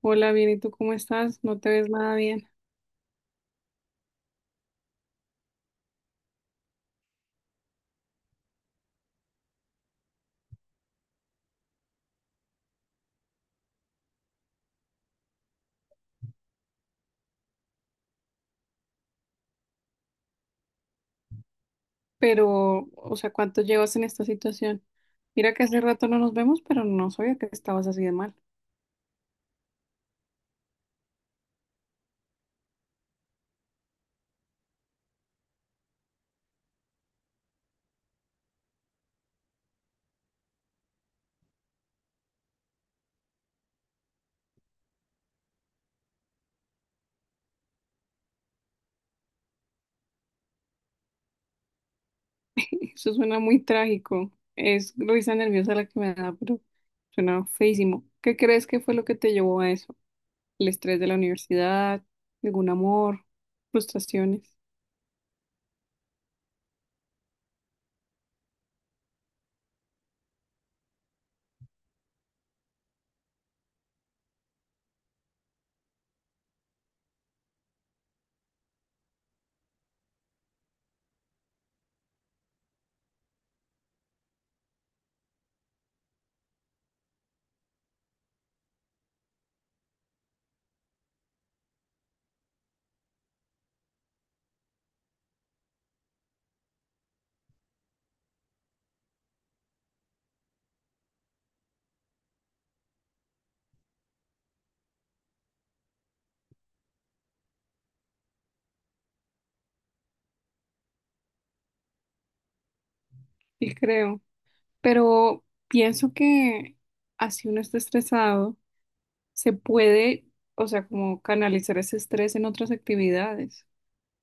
Hola, bien, ¿y tú cómo estás? No te ves nada bien, pero, o sea, ¿cuánto llevas en esta situación? Mira que hace rato no nos vemos, pero no sabía que estabas así de mal. Eso suena muy trágico. Es risa nerviosa la que me da, pero suena feísimo. ¿Qué crees que fue lo que te llevó a eso? ¿El estrés de la universidad? ¿Algún amor? ¿Frustraciones? Sí, creo. Pero pienso que así uno está estresado, se puede, o sea, como canalizar ese estrés en otras actividades.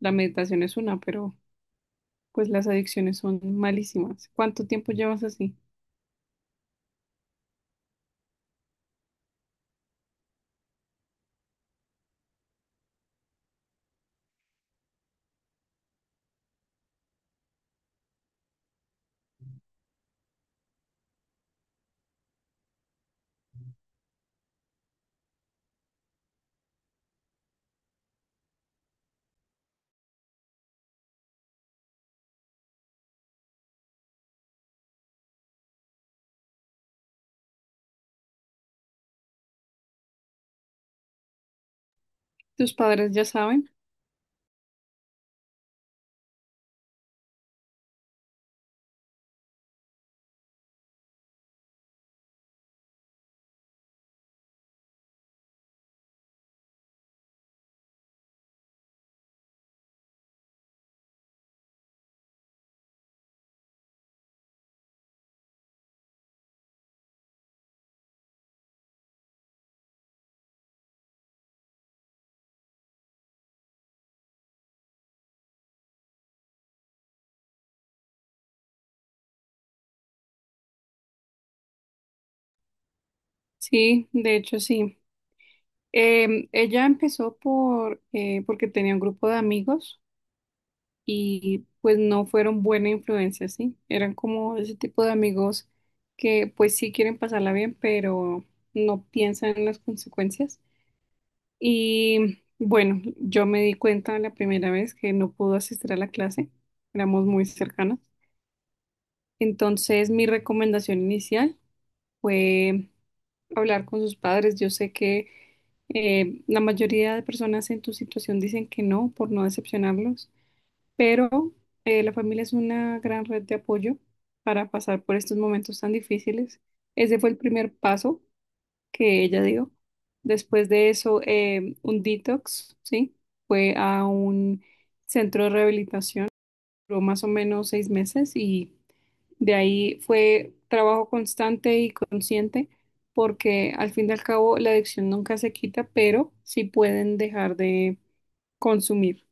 La meditación es una, pero pues las adicciones son malísimas. ¿Cuánto tiempo llevas así? ¿Tus padres ya saben? Sí, de hecho sí. Ella empezó por porque tenía un grupo de amigos y pues no fueron buena influencia, sí. Eran como ese tipo de amigos que pues sí quieren pasarla bien, pero no piensan en las consecuencias. Y bueno, yo me di cuenta la primera vez que no pudo asistir a la clase. Éramos muy cercanas. Entonces, mi recomendación inicial fue hablar con sus padres. Yo sé que la mayoría de personas en tu situación dicen que no, por no decepcionarlos, pero la familia es una gran red de apoyo para pasar por estos momentos tan difíciles. Ese fue el primer paso que ella dio. Después de eso, un detox, ¿sí? Fue a un centro de rehabilitación, duró más o menos 6 meses y de ahí fue trabajo constante y consciente, porque al fin y al cabo la adicción nunca se quita, pero sí pueden dejar de consumir.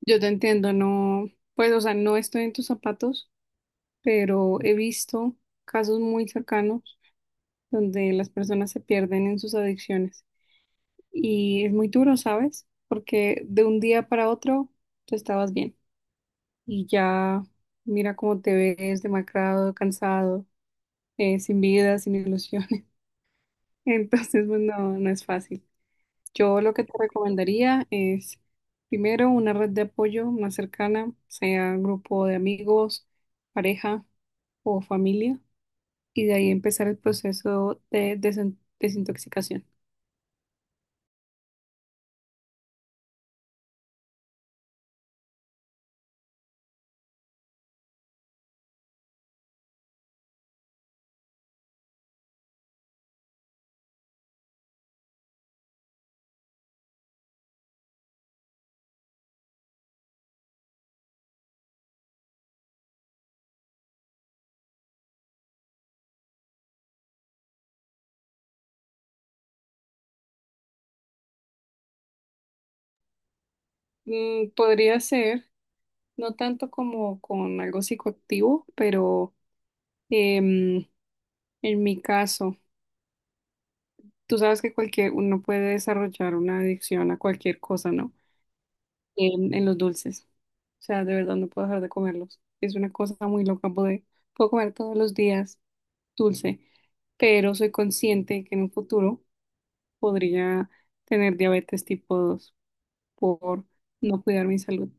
Yo te entiendo, no, pues, o sea, no estoy en tus zapatos, pero he visto casos muy cercanos donde las personas se pierden en sus adicciones y es muy duro, ¿sabes? Porque de un día para otro tú estabas bien, y ya mira cómo te ves demacrado, cansado, sin vida, sin ilusiones. Entonces, pues no, no es fácil. Yo lo que te recomendaría es, primero, una red de apoyo más cercana, sea grupo de amigos, pareja o familia, y de ahí empezar el proceso de desintoxicación. Mm, podría ser, no tanto como con algo psicoactivo, pero em, en mi caso. Tú sabes que cualquier uno puede desarrollar una adicción a cualquier cosa, ¿no? En los dulces. O sea, de verdad no puedo dejar de comerlos. Es una cosa muy loca poder. Puedo comer todos los días dulce, pero soy consciente que en un futuro podría tener diabetes tipo 2 por no cuidar mi salud.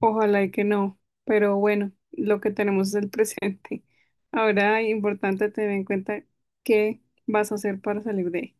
Ojalá y que no, pero bueno, lo que tenemos es el presente. Ahora, importante tener en cuenta qué vas a hacer para salir de ahí.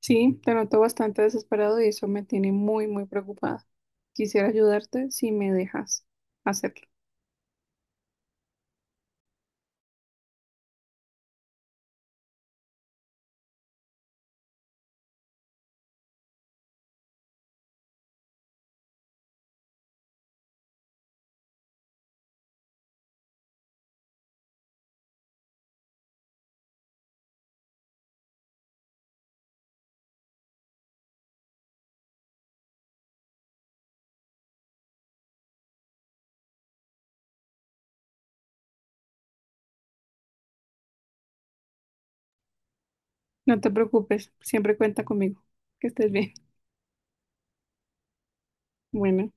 Sí, te noto bastante desesperado y eso me tiene muy, muy preocupada. Quisiera ayudarte si me dejas hacerlo. No te preocupes, siempre cuenta conmigo. Que estés bien. Bueno.